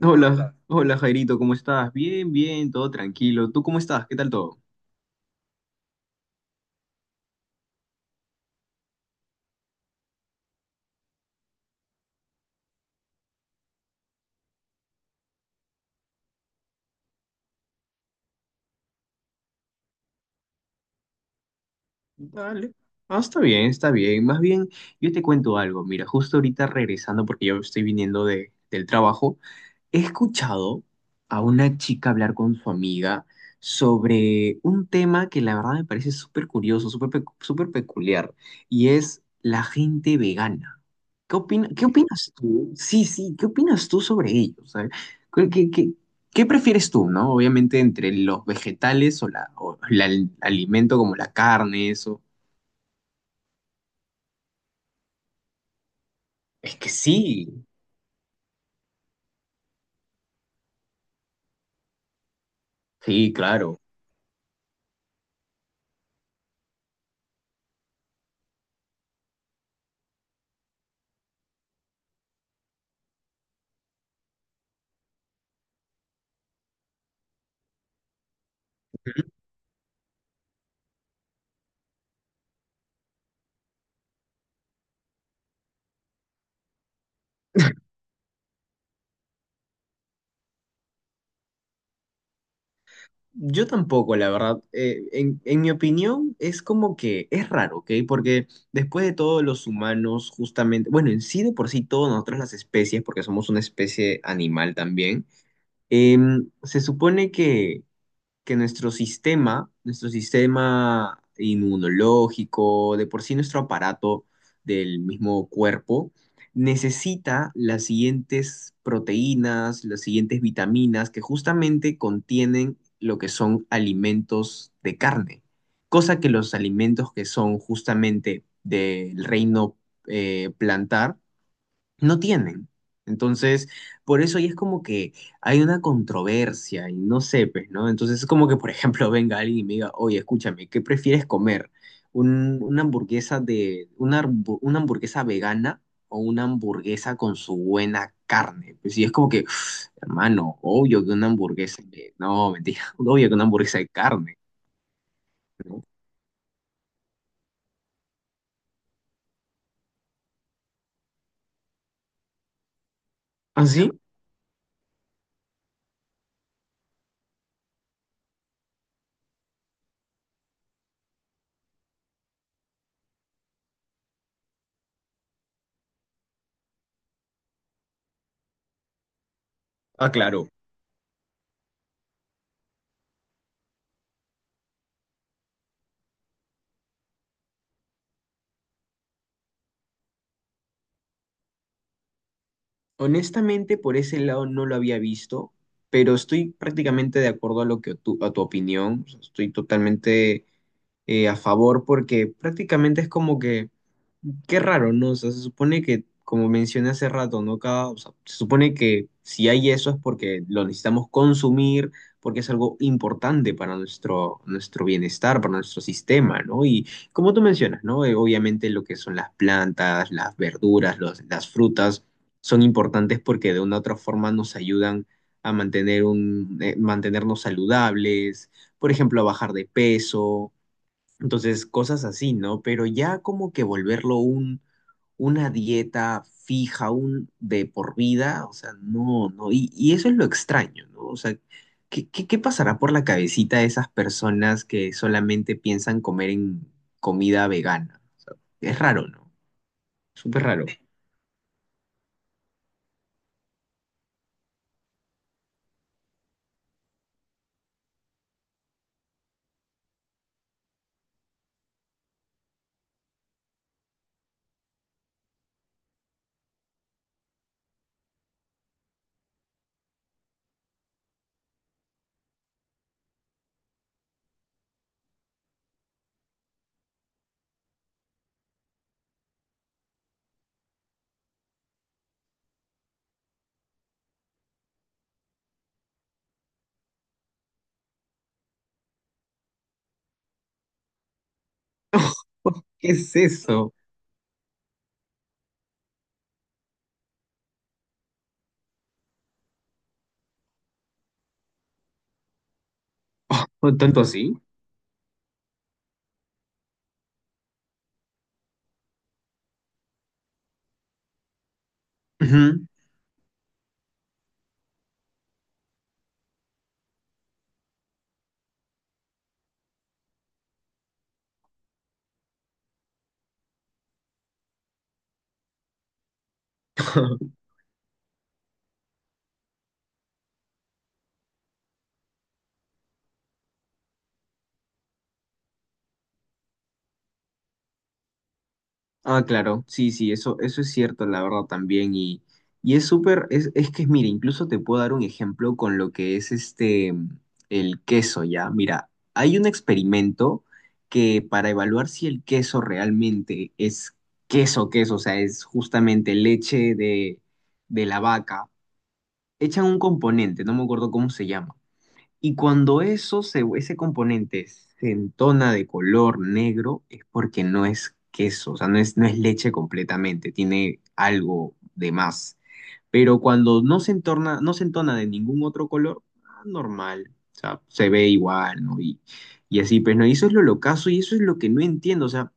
Hola, hola Jairito, ¿cómo estás? Bien, bien, todo tranquilo. ¿Tú cómo estás? ¿Qué tal todo? Dale. Ah, está bien, está bien. Más bien, yo te cuento algo. Mira, justo ahorita regresando, porque yo estoy viniendo del trabajo, he escuchado a una chica hablar con su amiga sobre un tema que la verdad me parece súper curioso, súper peculiar, y es la gente vegana. ¿Qué opinas tú? Sí, sí, ¿qué opinas tú sobre ello? O sea, ¿Qué, qué- qué- ¿qué prefieres tú, no? Obviamente entre los vegetales o el alimento como la carne, eso. Es que sí, sí, claro. Yo tampoco, la verdad. En mi opinión, es como que es raro, ¿ok? Porque después de todo, los humanos, justamente, bueno, en sí de por sí, todos nosotros las especies, porque somos una especie animal también, se supone que nuestro sistema inmunológico, de por sí nuestro aparato del mismo cuerpo, necesita las siguientes proteínas, las siguientes vitaminas que justamente contienen lo que son alimentos de carne, cosa que los alimentos que son justamente del reino plantar no tienen. Entonces, por eso ahí es como que hay una controversia y no sé, pues, ¿no? Entonces es como que, por ejemplo, venga alguien y me diga, oye, escúchame, ¿qué prefieres comer? Una hamburguesa vegana o una hamburguesa con su buena carne. Pues, sí es como que, hermano, obvio que una hamburguesa de, no, mentira, obvio que una hamburguesa de carne, ¿no? ¿Ah, sí? Ah, claro. Honestamente, por ese lado no lo había visto, pero estoy prácticamente de acuerdo a lo que tu, a tu opinión. O sea, estoy totalmente a favor porque prácticamente es como que qué raro, ¿no? O sea, se supone que, como mencioné hace rato, ¿no? Cada, o sea, se supone que si hay eso es porque lo necesitamos consumir, porque es algo importante para nuestro, nuestro bienestar, para nuestro sistema, ¿no? Y como tú mencionas, ¿no? Obviamente lo que son las plantas, las verduras, las frutas son importantes porque de una u otra forma nos ayudan a mantener un, mantenernos saludables, por ejemplo, a bajar de peso, entonces, cosas así, ¿no? Pero ya como que volverlo un, una dieta fija, un de por vida, o sea, no, no, y eso es lo extraño, ¿no? O sea, ¿qué pasará por la cabecita de esas personas que solamente piensan comer en comida vegana? O sea, es raro, ¿no? Súper raro. ¿Qué es eso? ¿Tanto así? Ujú. Ah, claro, sí, sí, eso es cierto, la verdad también. Y, es que, mira, incluso te puedo dar un ejemplo con lo que es este, el queso, ¿ya? Mira, hay un experimento que para evaluar si el queso realmente es queso, queso, o sea, es justamente leche de la vaca, echan un componente, no me acuerdo cómo se llama. Y cuando ese componente se entona de color negro, es porque no es queso, o sea, no es, no es leche completamente, tiene algo de más. Pero cuando no se entorna, no se entona de ningún otro color, ah, normal, o sea, se ve igual, ¿no? Y así, pues, ¿no? Y eso es lo locazo y eso es lo que no entiendo, o sea,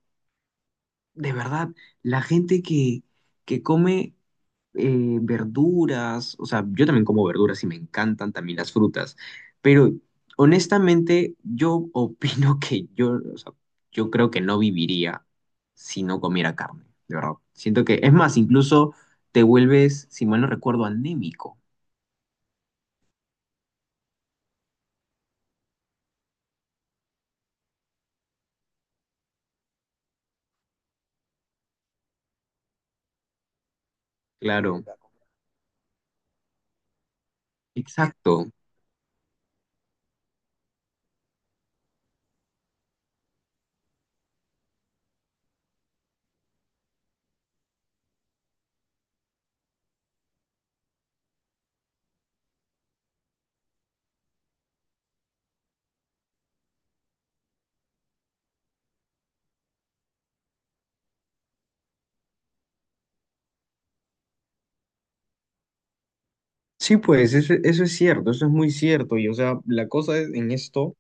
de verdad, la gente que come verduras, o sea, yo también como verduras y me encantan también las frutas, pero honestamente yo opino que yo, o sea, yo creo que no viviría si no comiera carne, de verdad. Siento que, es más, incluso te vuelves, si mal no recuerdo, anémico. Claro, exacto. Sí, pues eso es cierto, eso es muy cierto. Y o sea, la cosa es en esto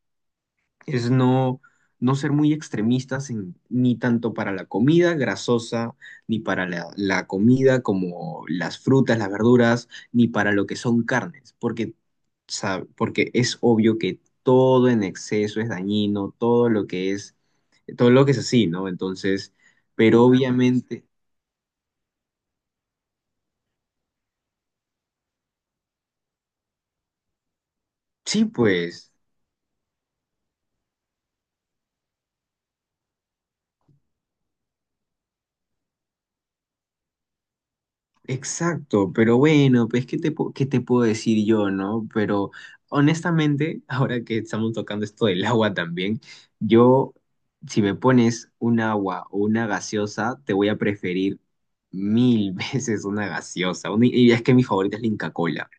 es no, no ser muy extremistas en ni tanto para la comida grasosa, ni para la comida como las frutas, las verduras, ni para lo que son carnes, porque, porque es obvio que todo en exceso es dañino, todo lo que es, todo lo que es así, ¿no? Entonces, pero obviamente, sí, pues. Exacto, pero bueno, pues ¿qué te puedo decir yo, no? Pero honestamente, ahora que estamos tocando esto del agua también, yo, si me pones un agua o una gaseosa, te voy a preferir mil veces una gaseosa. Una y es que mi favorita es la Inca Kola,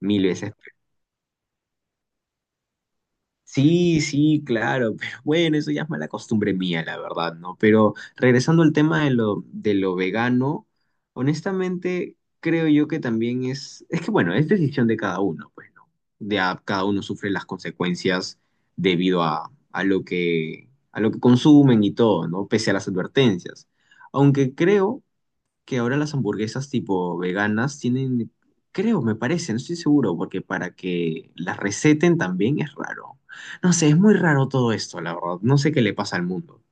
mil veces. Sí, sí, claro, pero bueno, eso ya es mala costumbre mía, la verdad, ¿no? Pero regresando al tema de lo vegano, honestamente creo yo que también es que bueno, es decisión de cada uno, pues, ¿no? Cada uno sufre las consecuencias debido a lo que consumen y todo, ¿no? Pese a las advertencias. Aunque creo que ahora las hamburguesas tipo veganas tienen, creo, me parece, no estoy seguro, porque para que las receten también es raro. No sé, es muy raro todo esto, la verdad. No sé qué le pasa al mundo.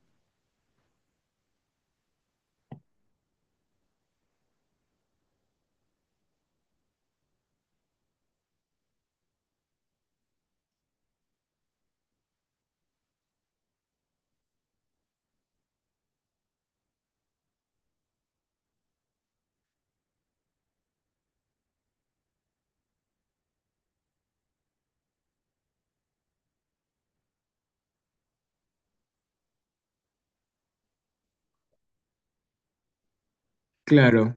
Claro,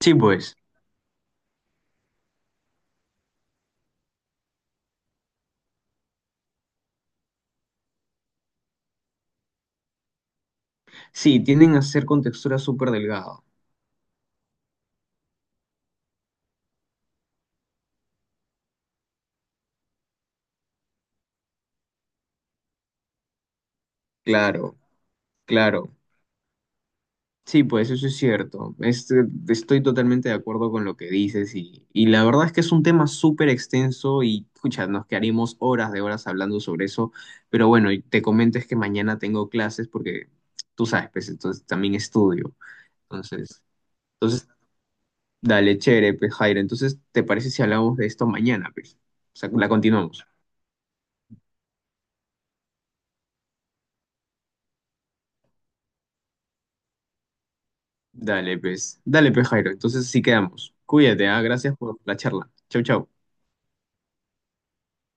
sí, pues. Sí, tienden a ser con textura súper delgada. Claro, claro. Sí, pues eso es cierto. Este, estoy totalmente de acuerdo con lo que dices y la verdad es que es un tema súper extenso y pucha, nos quedaríamos horas de horas hablando sobre eso, pero bueno, y te comento es que mañana tengo clases porque tú sabes, pues entonces también estudio. Entonces, entonces, dale, chévere, pues Jairo, entonces ¿te parece si hablamos de esto mañana, pues? O sea, la continuamos. Dale, pues. Dale, pues Jairo, entonces sí quedamos. Cuídate, ¿ah? Gracias por la charla. Chau, chau.